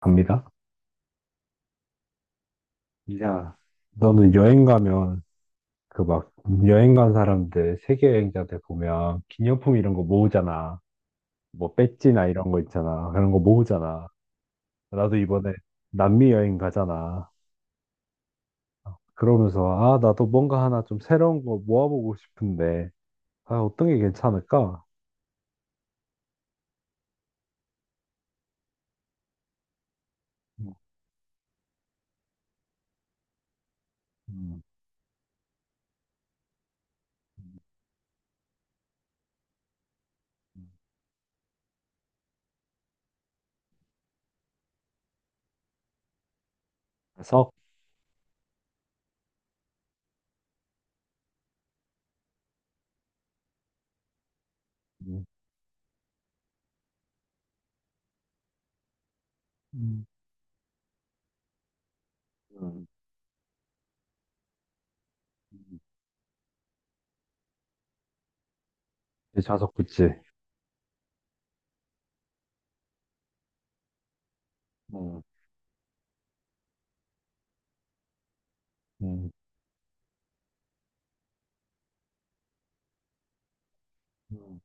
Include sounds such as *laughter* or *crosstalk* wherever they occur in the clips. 갑니다. 야, 너는 여행 가면 그 막 여행 간 사람들, 세계 여행자들 보면 기념품 이런 거 모으잖아. 뭐 배지나 이런 거 있잖아. 그런 거 모으잖아. 나도 이번에 남미 여행 가잖아. 그러면서 아, 나도 뭔가 하나 좀 새로운 거 모아보고 싶은데 아, 어떤 게 괜찮을까? 음, 음, 음. 좌석? 음, 음, 음. 음. 좌석 그치? 음, 음, 음,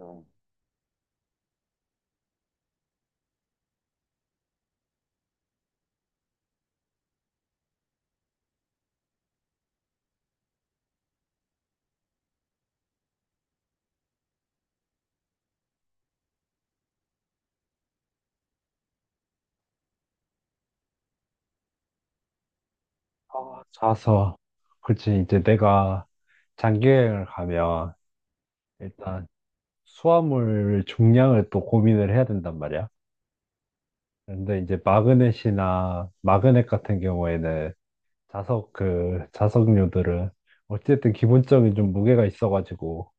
음. 어, 자서. 그렇지. 이제 내가 장기여행을 가면 일단 수화물 중량을 또 고민을 해야 된단 말이야. 그런데 이제 마그넷 같은 경우에는 자석 그 자석류들은 어쨌든 기본적인 좀 무게가 있어가지고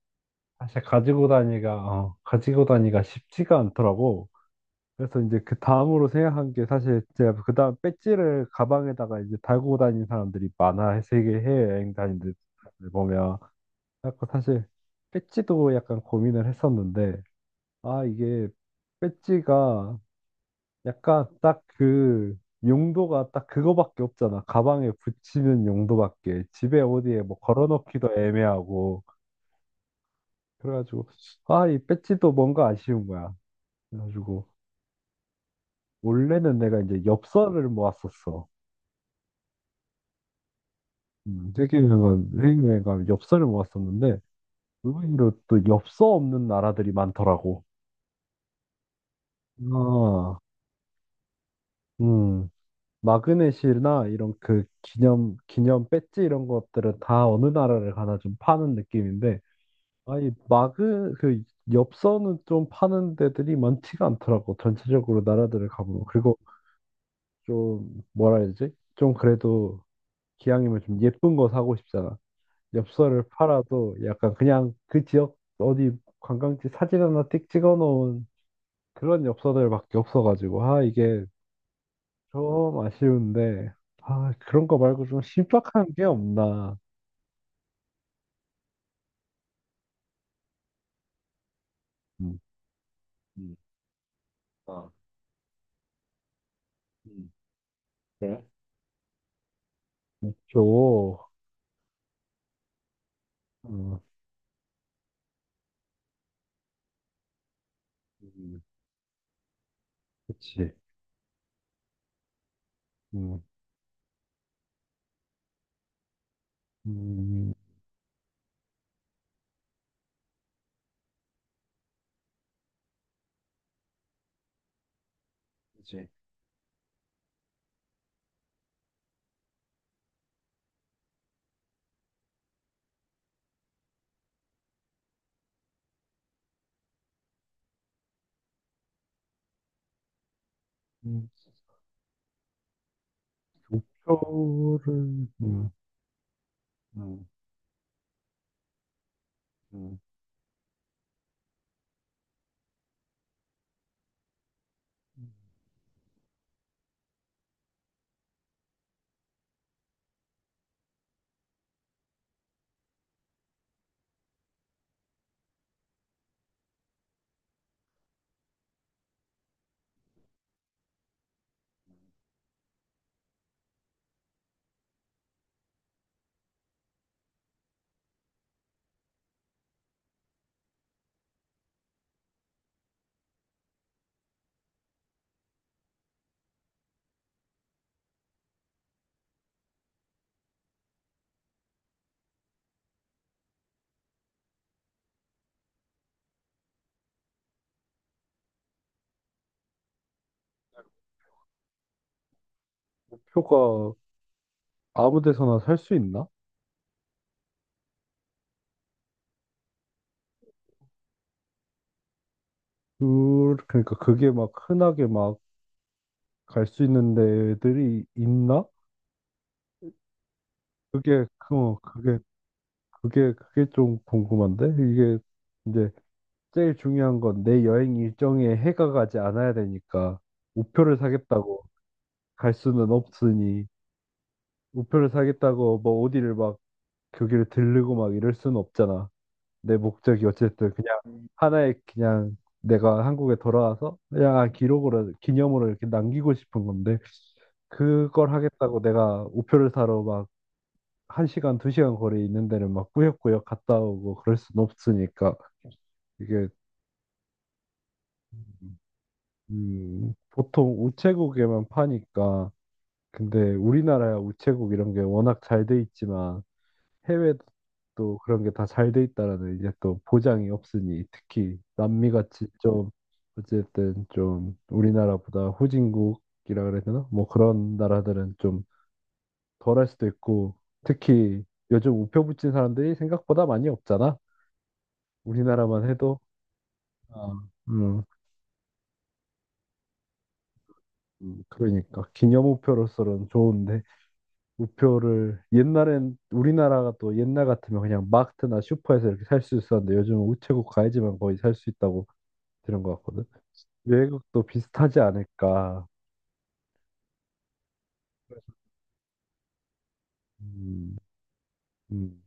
사실 가지고 다니가 쉽지가 않더라고. 그래서 이제 그 다음으로 생각한 게, 사실 제가 그 다음 배지를 가방에다가 이제 달고 다니는 사람들이 많아, 세계 해외여행 다니는 사람들 보면. 그래서 사실 배지도 약간 고민을 했었는데, 아 이게 배지가 약간 딱 그 용도가 딱 그거밖에 없잖아. 가방에 붙이는 용도밖에, 집에 어디에 뭐 걸어놓기도 애매하고. 그래가지고 아 이 배지도 뭔가 아쉬운 거야. 그래가지고 원래는 내가 이제 엽서를 모았었어. 세계여행가 엽서를 모았었는데, 의외로 또 엽서 없는 나라들이 많더라고. 아, 음, 마그넷이나 이런 그 기념 배지 이런 것들은 다 어느 나라를 가나 좀 파는 느낌인데, 그 엽서는 좀 파는 데들이 많지가 않더라고. 전체적으로 나라들을 가보면. 그리고 좀, 뭐라 해야 되지? 좀 그래도 기왕이면 좀 예쁜 거 사고 싶잖아. 엽서를 팔아도 약간 그냥 그 지역 어디 관광지 사진 하나 띡 찍어 놓은 그런 엽서들밖에 없어가지고 아 이게 좀 아쉬운데, 아 그런 거 말고 좀 신박한 게 없나. 음, 음, 아, 음, 그래? 있 음, 그치 음, 음, 그치. 음, 목표를 음, 음, 음. 목표가 아무 데서나 살 수 있나? 그, 그러니까 그게 막 흔하게 막 갈 수 있는 데들이 있나? 그게, 그, 어, 그게, 그게, 그게 좀 궁금한데? 이게 이제 제일 중요한 건 내 여행 일정에 해가 가지 않아야 되니까 우표를 사겠다고 갈 수는 없으니 우표를 사겠다고 뭐 어디를 막 거기를 들르고 막 이럴 수는 없잖아. 내 목적이 어쨌든 그냥 하나의 그냥 내가 한국에 돌아와서 그냥 아, 기록으로 기념으로 이렇게 남기고 싶은 건데 그걸 하겠다고 내가 우표를 사러 막 한시간두시간 거리에 있는 데를 막 꾸역꾸역 갔다 오고 그럴 순 없으니까 이게. 보통 우체국에만 파니까. 근데 우리나라야 우체국 이런 게 워낙 잘 돼 있지만 해외도 또 그런 게 다 잘 돼 있다라는 이제 또 보장이 없으니, 특히 남미 같이 좀 어쨌든 좀 우리나라보다 후진국이라 그래야 되나? 뭐 그런 나라들은 좀 덜할 수도 있고, 특히 요즘 우표 붙인 사람들이 생각보다 많이 없잖아. 우리나라만 해도. 아, 음, 그러니까 기념 우표로서는 좋은데 우표를 옛날엔 우리나라가 또 옛날 같으면 그냥 마트나 슈퍼에서 이렇게 살 수 있었는데 요즘은 우체국 가야지만 거의 살 수 있다고 들은 것 같거든. 외국도 비슷하지 않을까. 음, 음,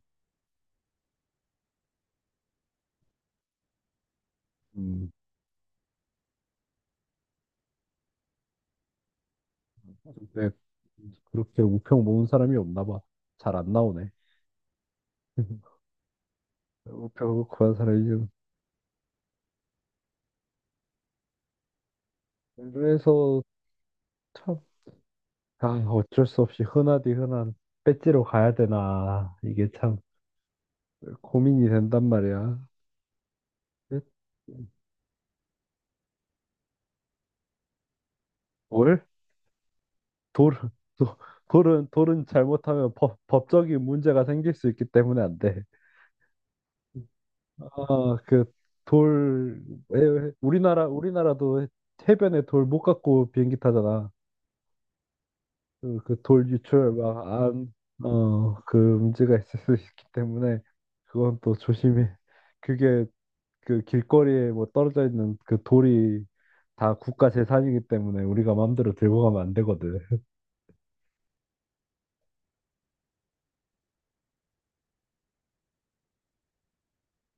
음. 근데 그렇게 우표 모은 사람이 없나 봐. 잘 안 나오네. *laughs* 우표 구한 사람이. 그래서 참, 아, 어쩔 수 없이 흔하디 흔한 배지로 가야 되나. 이게 참 고민이 된단 말이야. 예? 뭘? 돌, 도- 돌은 잘못하면 법적인 문제가 생길 수 있기 때문에 안 돼. 아, 그 돌, 에, 우리나라도 해변에 돌 못 갖고 비행기 타잖아. 그돌 유출 막 안, 어, 그 문제가 있을 수 있기 때문에 그건 또 조심히, 그게 그 길거리에 뭐 떨어져 있는 그 돌이 다 국가 재산이기 때문에 우리가 마음대로 들고 가면 안 되거든.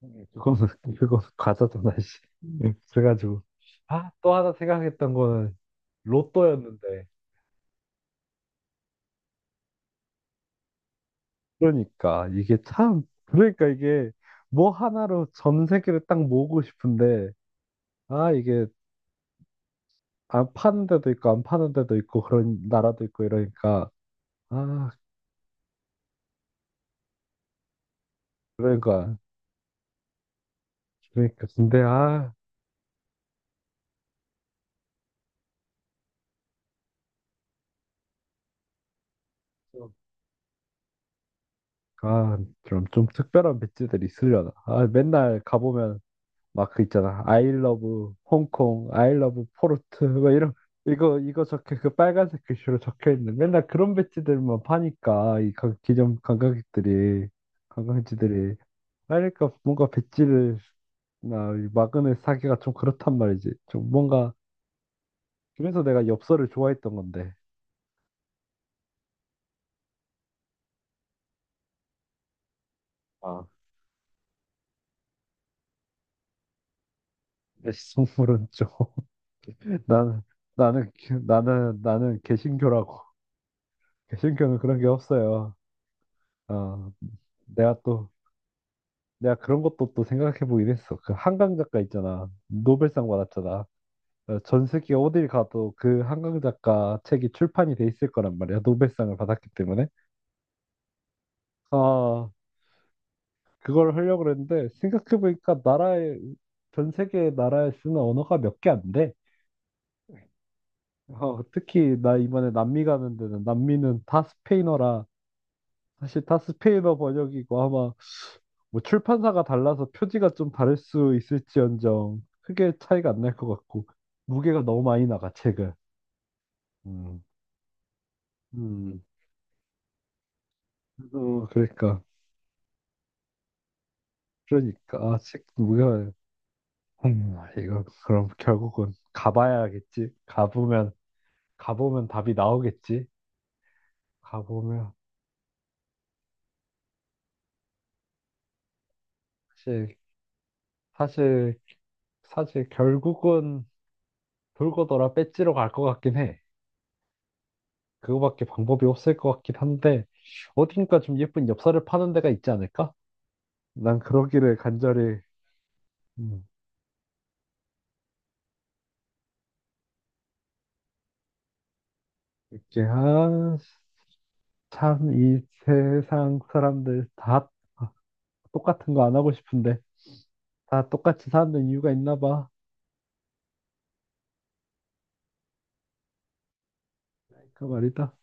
*laughs* 그거는 그거 과자잖아, 씨. 음. 그래가지고 아, 또 하나 생각했던 거는 로또였는데. 그러니까 이게 참 그러니까 이게 뭐 하나로 전 세계를 딱 모으고 싶은데, 아, 이게 안 파는 데도 있고 안 파는 데도 있고 그런 나라도 있고 이러니까. 아, 그러니까 그러니까 근데 아. 아, 그럼 좀 특별한 배지들이 있으려나? 아, 맨날 가보면 막 그 있잖아. I love 홍콩, I love 포르투, 막 이런. 이거 적혀 그 빨간색 글씨로 적혀 있는 맨날 그런 배지들만 파니까 이 관- 기존 관광객들이 관광지들이. 그러니까 뭔가 배지를, 나 마그넷 사기가 좀 그렇단 말이지. 좀 뭔가. 그래서 내가 엽서를 좋아했던 건데. 아, 내 식물은 좀. *laughs* 나는 나는 나는 개신교라고. 신경은 그런 게 없어요. 어, 내가 또, 내가 그런 것도 또 생각해 보긴 했어. 그 한강 작가 있잖아. 노벨상 받았잖아. 어, 전 세계 어딜 가도 그 한강 작가 책이 출판이 돼 있을 거란 말이야. 노벨상을 받았기 때문에. 아, 그걸 하려고 그랬는데, 생각해 보니까 전 세계 나라에 쓰는 언어가 몇 개 안 돼. 어, 특히 나 이번에 남미 가는 데는 남미는 다 스페인어라 사실 다 스페인어 번역이고 아마 뭐 출판사가 달라서 표지가 좀 다를 수 있을지언정 크게 차이가 안 날 것 같고 무게가 너무 많이 나가 책을. 음, 음, 어, 그러니까, 그러니까 아, 책 무게가. 이거 그럼 결국은 가봐야겠지. 가보면 답이 나오겠지. 가보면 사실 사실 사실 결국은 돌고 돌아 배지로 갈 것 같긴 해. 그거밖에 방법이 없을 것 같긴 한데 어딘가 좀 예쁜 엽서를 파는 데가 있지 않을까? 난 그러기를 간절히. 음, 이렇게 아, 참 이 세상 사람들 다 똑같은 거 안 하고 싶은데 다 똑같이 사는 이유가 있나 봐. 그 말이다.